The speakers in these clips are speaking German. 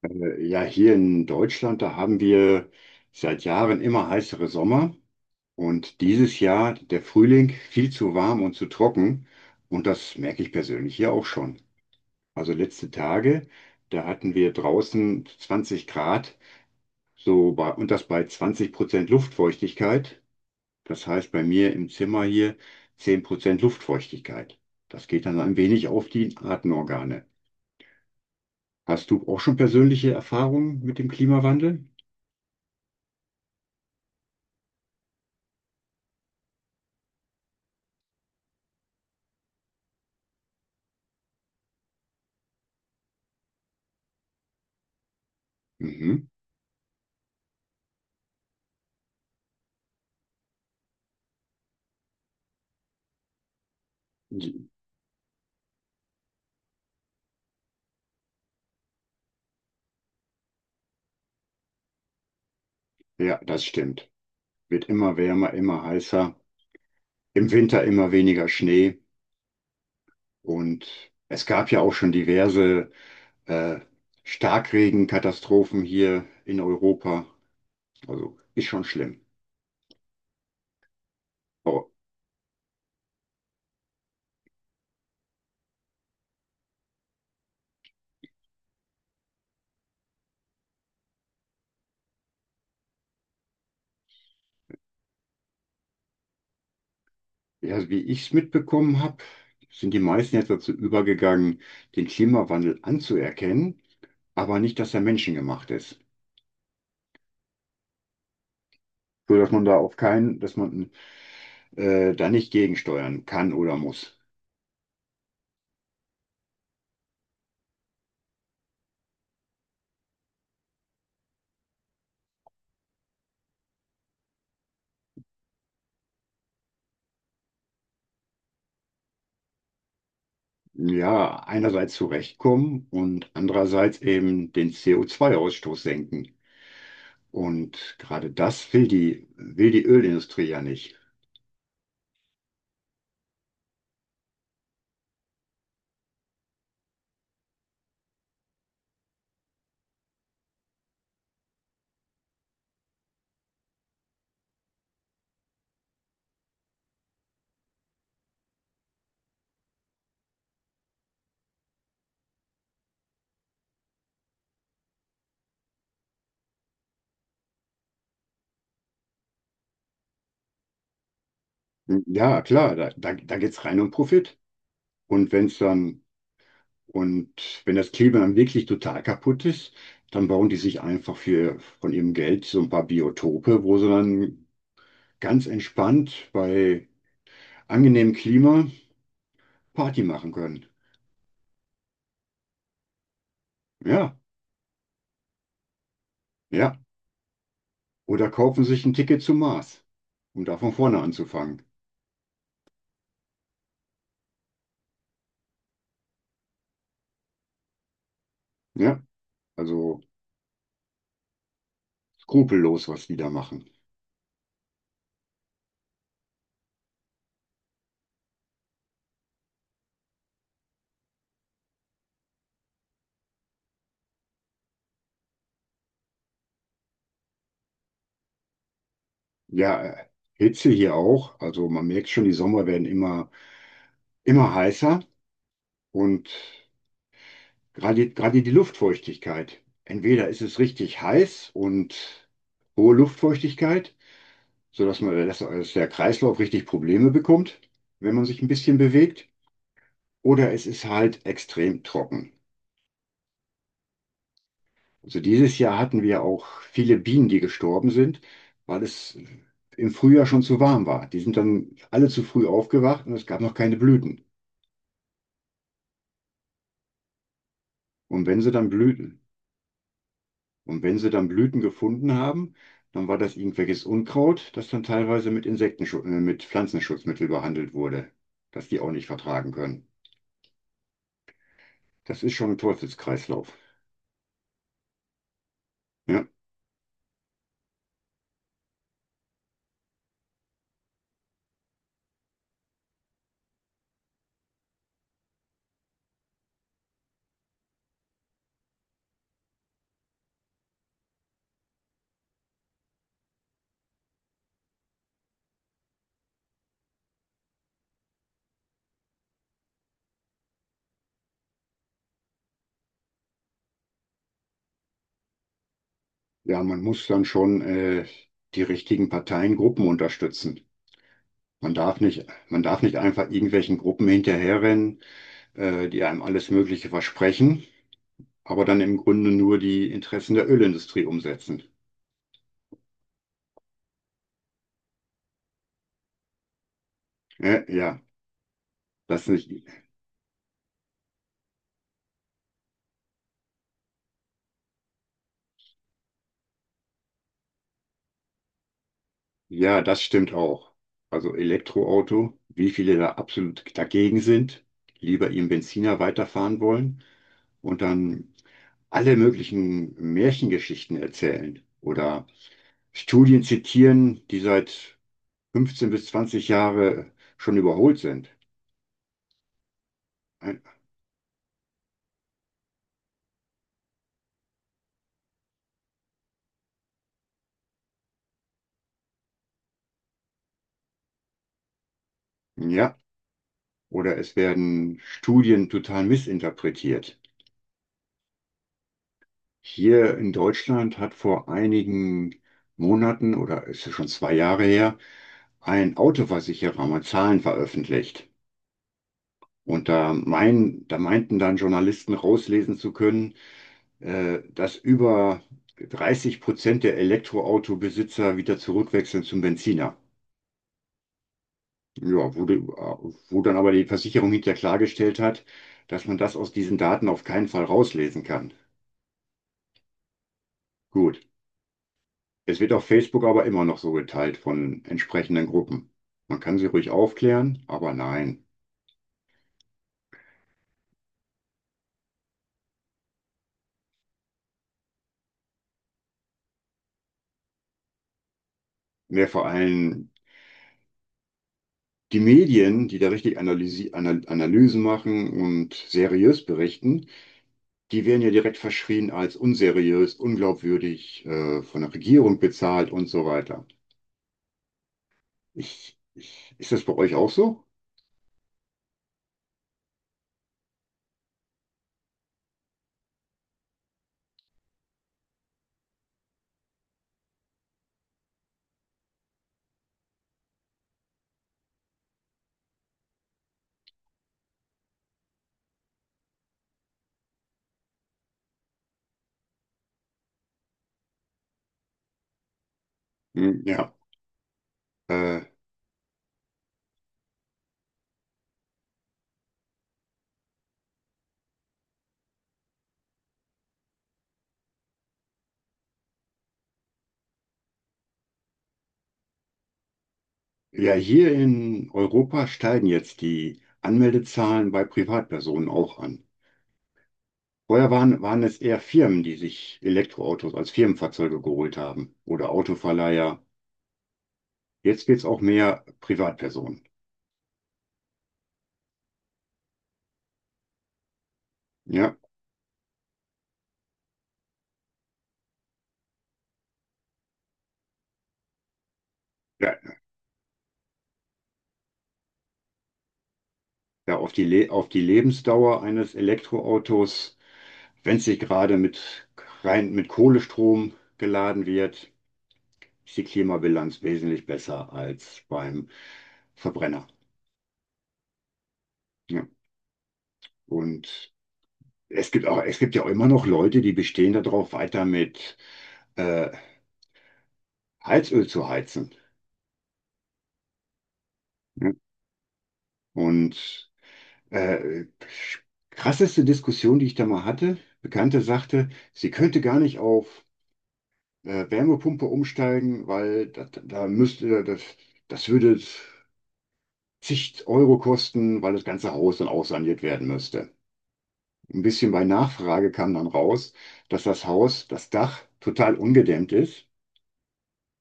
Ja, hier in Deutschland, da haben wir seit Jahren immer heißere Sommer, und dieses Jahr der Frühling viel zu warm und zu trocken, und das merke ich persönlich hier auch schon. Also letzte Tage, da hatten wir draußen 20 Grad, und das bei 20% Luftfeuchtigkeit. Das heißt bei mir im Zimmer hier 10% Luftfeuchtigkeit. Das geht dann ein wenig auf die Atemorgane. Hast du auch schon persönliche Erfahrungen mit dem Klimawandel? Mhm. Ja, das stimmt. Wird immer wärmer, immer heißer, im Winter immer weniger Schnee. Und es gab ja auch schon diverse äh, Starkregenkatastrophen hier in Europa. Also ist schon schlimm. Aber ja, wie ich es mitbekommen habe, sind die meisten jetzt dazu übergegangen, den Klimawandel anzuerkennen, aber nicht, dass er menschengemacht ist. So dass man da auf keinen, dass man da nicht gegensteuern kann oder muss. Ja, einerseits zurechtkommen und andererseits eben den CO2-Ausstoß senken. Und gerade das will die Ölindustrie ja nicht. Ja, klar, da geht es rein um Profit. Und wenn es dann, und wenn das Klima dann wirklich total kaputt ist, dann bauen die sich einfach für, von ihrem Geld so ein paar Biotope, wo sie dann ganz entspannt bei angenehmem Klima Party machen können. Ja, ja. Oder kaufen sich ein Ticket zum Mars, um da von vorne anzufangen. Ja, also skrupellos, was die da machen. Ja, Hitze hier auch. Also man merkt schon, die Sommer werden immer heißer, und gerade, gerade die Luftfeuchtigkeit. Entweder ist es richtig heiß und hohe Luftfeuchtigkeit, sodass dass der Kreislauf richtig Probleme bekommt, wenn man sich ein bisschen bewegt, oder es ist halt extrem trocken. Also dieses Jahr hatten wir auch viele Bienen, die gestorben sind, weil es im Frühjahr schon zu warm war. Die sind dann alle zu früh aufgewacht und es gab noch keine Blüten. Und wenn sie dann Blüten, und wenn sie dann Blüten gefunden haben, dann war das irgendwelches Unkraut, das dann teilweise mit mit Pflanzenschutzmittel behandelt wurde, das die auch nicht vertragen können. Das ist schon ein Teufelskreislauf. Ja, ja, man muss dann schon die richtigen Parteien, Gruppen unterstützen. Man darf nicht, man darf nicht einfach irgendwelchen Gruppen hinterherrennen, die einem alles Mögliche versprechen, aber dann im Grunde nur die Interessen der Ölindustrie umsetzen. Ja, ja, das nicht, ja, das stimmt auch. Also Elektroauto, wie viele da absolut dagegen sind, lieber ihren Benziner weiterfahren wollen und dann alle möglichen Märchengeschichten erzählen oder Studien zitieren, die seit 15 bis 20 Jahre schon überholt sind. Ein- Ja, oder es werden Studien total missinterpretiert. Hier in Deutschland hat vor einigen Monaten oder ist es schon zwei Jahre her, ein Autoversicherer mal Zahlen veröffentlicht. Und da meinten dann Journalisten rauslesen zu können, dass über 30% der Elektroautobesitzer wieder zurückwechseln zum Benziner. Ja, wo dann aber die Versicherung hinterher klargestellt hat, dass man das aus diesen Daten auf keinen Fall rauslesen kann. Gut, es wird auf Facebook aber immer noch so geteilt von entsprechenden Gruppen. Man kann sie ruhig aufklären, aber nein. Mehr vor allem die Medien, die da richtig Analysi Anal Analysen machen und seriös berichten, die werden ja direkt verschrien als unseriös, unglaubwürdig, von der Regierung bezahlt und so weiter. Ist das bei euch auch so? Hm, ja. Äh, Ja, hier in Europa steigen jetzt die Anmeldezahlen bei Privatpersonen auch an. Vorher waren es eher Firmen, die sich Elektroautos als Firmenfahrzeuge geholt haben oder Autoverleiher. Jetzt wird es auch mehr Privatpersonen. Ja, ja, ja auf die Le auf die Lebensdauer eines Elektroautos, wenn es sich rein mit Kohlestrom geladen wird, ist die Klimabilanz wesentlich besser als beim Verbrenner. Ja. Und es gibt auch, es gibt ja auch immer noch Leute, die bestehen darauf, weiter mit äh, Heizöl zu heizen. Ne? Und äh, krasseste Diskussion, die ich da mal hatte, Bekannte sagte, sie könnte gar nicht auf Wärmepumpe umsteigen, weil das würde zig Euro kosten, weil das ganze Haus dann aussaniert werden müsste. Ein bisschen bei Nachfrage kam dann raus, dass das Dach total ungedämmt ist,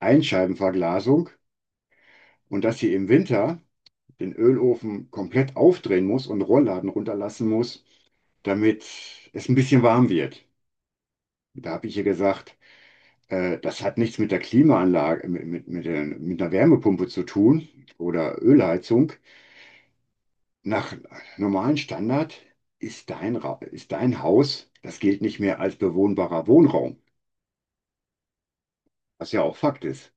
Einscheibenverglasung. Und dass sie im Winter den Ölofen komplett aufdrehen muss und Rollladen runterlassen muss, damit es ein bisschen warm wird. Da habe ich ihr gesagt, das hat nichts mit der Klimaanlage, mit einer Wärmepumpe zu tun oder Ölheizung. Nach normalem Standard ist dein Haus, das gilt nicht mehr als bewohnbarer Wohnraum, was ja auch Fakt ist.